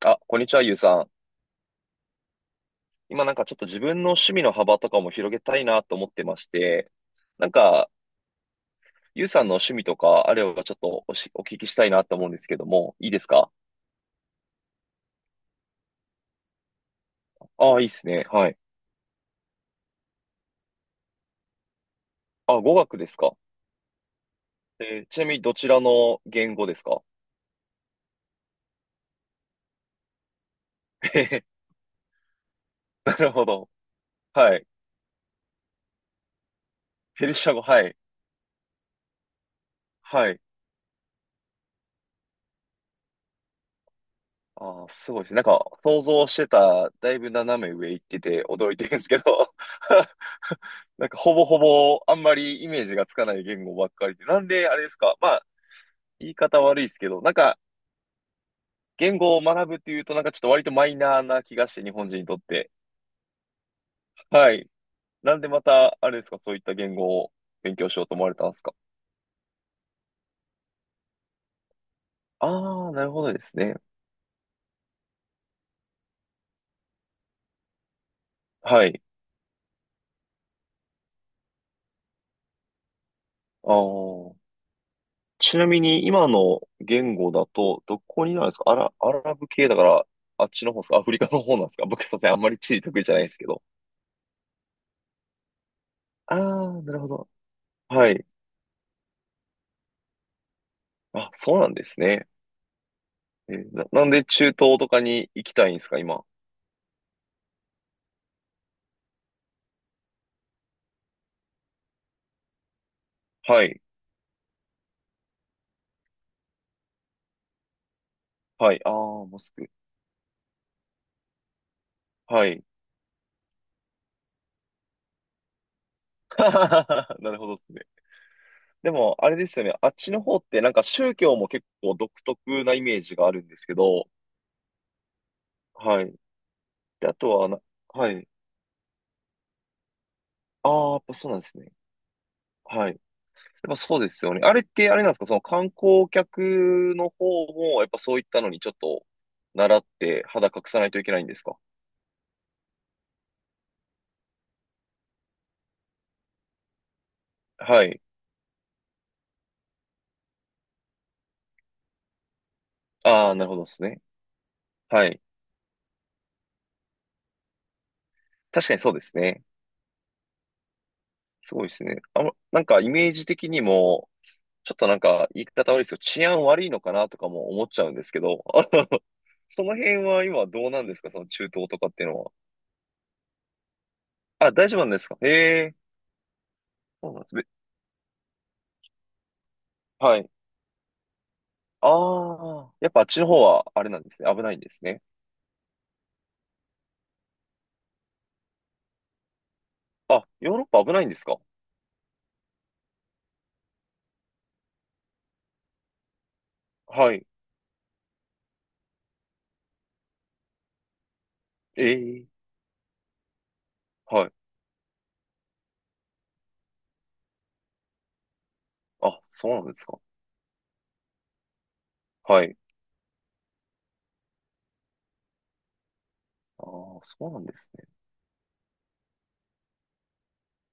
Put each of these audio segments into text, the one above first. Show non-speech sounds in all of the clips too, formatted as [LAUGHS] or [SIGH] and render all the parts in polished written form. あ、こんにちは、ゆうさん。今なんかちょっと自分の趣味の幅とかも広げたいなと思ってまして、なんか、ゆうさんの趣味とかあればちょっとお聞きしたいなと思うんですけども、いいですか？ああ、いいですね。はい。あ、語学ですか？ちなみにどちらの言語ですか？ [LAUGHS] へへ。なるほど。はい。ペルシャ語、はい。はい。ああ、すごいですね。なんか、想像してた、だいぶ斜め上行ってて驚いてるんですけど、[LAUGHS] なんかほぼほぼあんまりイメージがつかない言語ばっかりで。なんであれですか？まあ言い方悪いですけど、なんか、言語を学ぶっていうと、なんかちょっと割とマイナーな気がして、日本人にとって。はい。なんでまた、あれですか、そういった言語を勉強しようと思われたんですか？ああー、なるほどですね。はい。ああ。ちなみに、今の言語だと、どこになるんですか？アラブ系だから、あっちの方ですか？アフリカの方なんですか？ [LAUGHS] 僕、すいません。あんまり地理得意じゃないですけど。ああ、なるほど。はい。あ、そうなんですね。なんで中東とかに行きたいんですか今。はい。はい。ああ、モスク。はい。[LAUGHS] なるほどですね。でも、あれですよね。あっちの方ってなんか宗教も結構独特なイメージがあるんですけど、はい。で、あとはな、はい。ああ、やっぱそうなんですね。はい。やっぱそうですよね。あれってあれなんですか？その観光客の方も、やっぱそういったのにちょっと習って肌隠さないといけないんですか？はい。ああ、なるほどですね。はい。確かにそうですね。すごいですね。あの、なんかイメージ的にも、ちょっとなんか言い方悪いですけど、治安悪いのかなとかも思っちゃうんですけど、[LAUGHS] あの、その辺は今どうなんですか？その中東とかっていうのは。あ、大丈夫なんですか？へえ、そうなんですね。はい。ああ、やっぱあっちの方はあれなんですね。危ないんですね。あ、ヨーロッパ危ないんですか？はい。ええ、はい。あ、そうなんですか？はい。ああ、そうなんですね。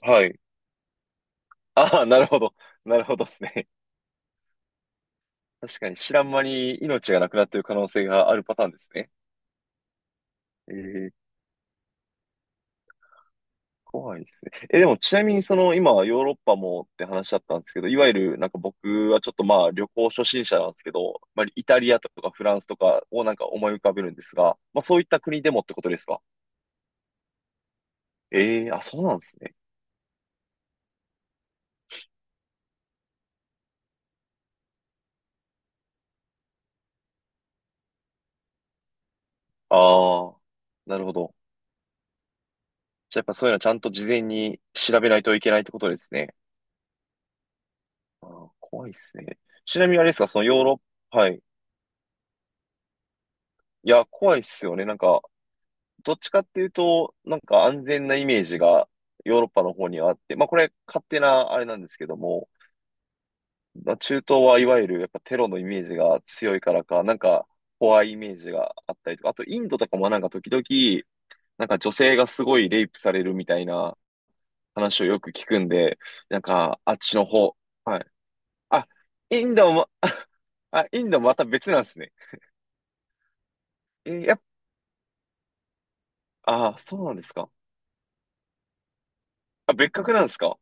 はい。ああ、なるほど。なるほどですね。確かに知らん間に命がなくなっている可能性があるパターンですね。ええ、怖いですね。え、でもちなみにその今ヨーロッパもって話だったんですけど、いわゆるなんか僕はちょっとまあ旅行初心者なんですけど、まあイタリアとかフランスとかをなんか思い浮かべるんですが、まあそういった国でもってことですか？ええー、あ、そうなんですね。ああ、なるほど。じゃあやっぱそういうのはちゃんと事前に調べないといけないってことですね。あー、怖いですね。ちなみにあれですか、そのヨーロッパ、はい。いや、怖いっすよね。なんか、どっちかっていうと、なんか安全なイメージがヨーロッパの方にはあって、まあこれ勝手なあれなんですけども、まあ、中東はいわゆるやっぱテロのイメージが強いからか、なんか怖いイメージがあったりとか、あとインドとかもなんか時々、なんか女性がすごいレイプされるみたいな話をよく聞くんで、なんかあっちの方、はい。あ、インドも、[LAUGHS] あ、インドまた別なんですね。えー、やっぱ、あー、そうなんですか。あ、別格なんですか。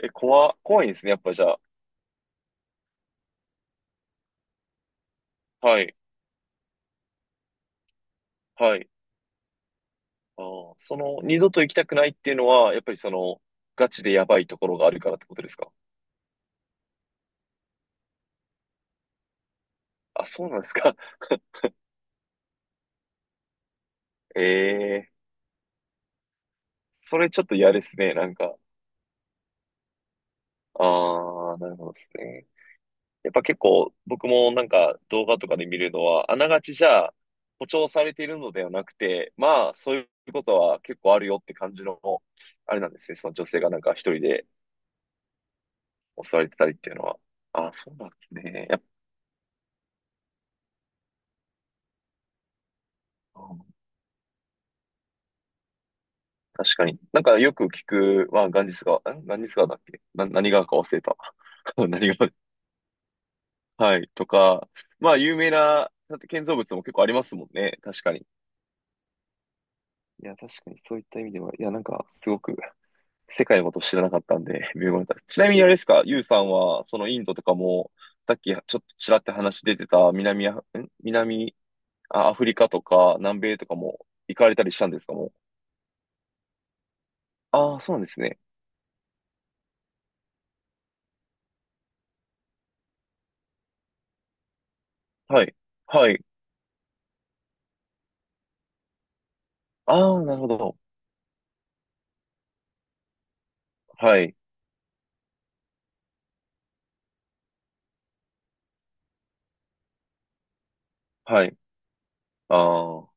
怖いんですね、やっぱじゃあ。はい、はい。ああ、その、二度と行きたくないっていうのは、やっぱりその、ガチでやばいところがあるからってことですか？あ、そうなんですか。[LAUGHS] ええ、それちょっと嫌ですね、なんか。ああ、なるほどですね。やっぱ結構、僕もなんか動画とかで見るのは、あながちじゃあ、誇張されているのではなくて、まあ、そういうことは結構あるよって感じの、あれなんですね、その女性がなんか一人で襲われてたりっていうのは。ああ、そうなんですね。やっぱ確かに。なんかよく聞く、まあ、ガンジス川、ガンジス川だっけな、何川か忘れた。[LAUGHS] 何川、はい、とか、まあ、有名な、だって建造物も結構ありますもんね。確かに。いや、確かに、そういった意味では、いや、なんか、すごく、世界のことを知らなかったんで、[LAUGHS] 微妙だった。ちなみにあれですか、ユウさんは、そのインドとかも、さっき、ちょっとちらって話出てた、南ア、ん南、あアフリカとか、南米とかも、行かれたりしたんですか？もう。ああ、そうなんですね。はい。はい。ああ、なるほど。はい。はい。ああ、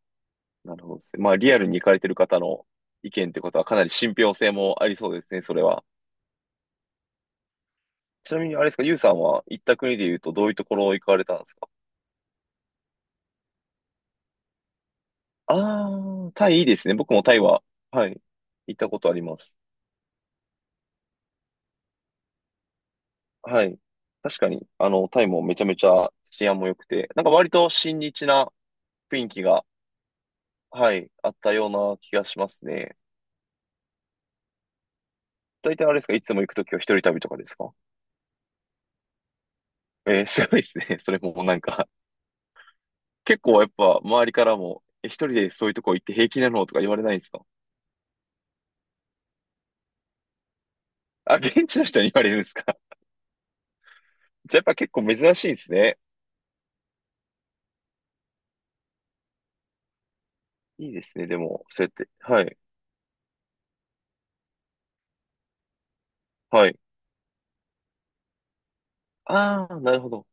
なるほどですね。まあ、リアルに行かれてる方の意見ってことはかなり信憑性もありそうですね、それは。ちなみに、あれですか、ユウさんは行った国で言うとどういうところ行かれたんですか？ああ、タイいいですね。僕もタイは、はい、行ったことあります。はい。確かに、あの、タイもめちゃめちゃ治安も良くて、なんか割と親日な雰囲気が、はい、あったような気がしますね。大体あれですか、いつも行くときは一人旅とかですか？えー、すごいですね。[LAUGHS] それもなんか結構やっぱ周りからも、え、一人でそういうとこ行って平気なのとか言われないんですか？あ、現地の人に言われるんですか？ [LAUGHS] じゃあやっぱ結構珍しいですね。いいですね、でも、そうやって。はい。はい。ああ、なるほど。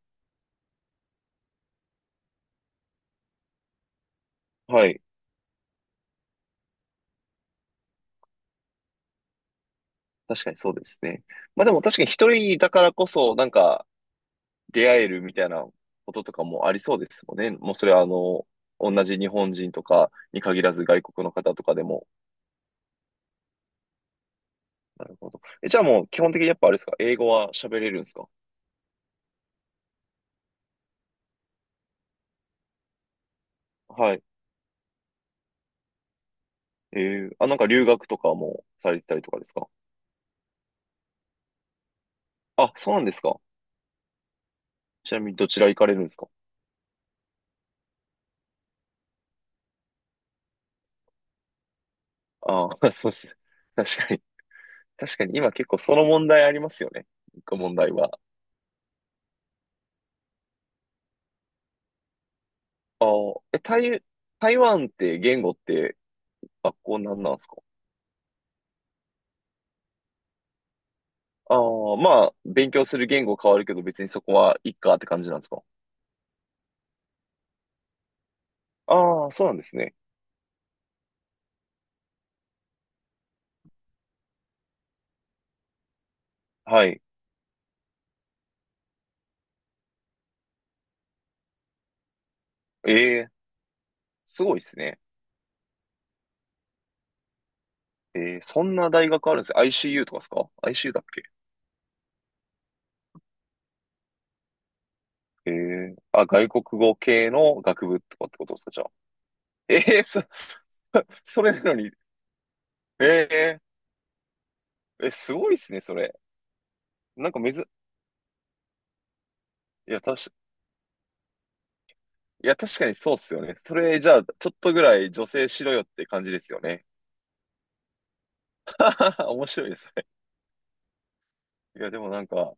はい。確かにそうですね。まあでも確かに一人だからこそ、なんか出会えるみたいなこととかもありそうですもんね。もうそれはあの、同じ日本人とかに限らず外国の方とかでも。なるほど。え、じゃあもう基本的にやっぱあれですか？英語は喋れるんですか？はい。ええ、あ、なんか留学とかもされてたりとかですか？あ、そうなんですか？ちなみにどちら行かれるんですか？ああ、[LAUGHS] そうですね、確かに。確かに今結構その問題ありますよね。一個問題は。ああ、え、台湾って言語って学校なんなんですか？ああ、まあ、勉強する言語変わるけど別にそこはいっかって感じなんですか？ああ、そうなんですね。はい。ええ、すごいですね。ええ、そんな大学あるんです ?ICU とかですか ?ICU だっけ。ええ、あ、外国語系の学部とかってことですか、じゃあ。ええそ、[LAUGHS] それなのに。ええ、え、すごいっすね、それ。なんかめず、いや、たし、いや、確かにそうっすよね。それ、じゃあ、ちょっとぐらい女性しろよって感じですよね。[LAUGHS] 面白いですね。いや、でもなんか、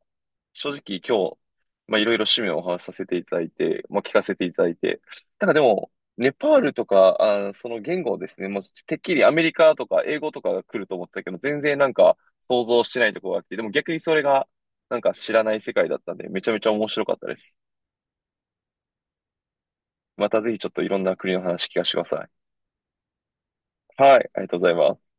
正直今日、まあ、いろいろ趣味をお話しさせていただいて、まあ、聞かせていただいて、なんかでも、ネパールとか、あー、その言語ですね、もうてっきりアメリカとか英語とかが来ると思ってたけど、全然なんか想像してないところがあって、でも逆にそれがなんか知らない世界だったんで、めちゃめちゃ面白かったです。またぜひちょっといろんな国の話聞かせてください。はい、ありがとうございます。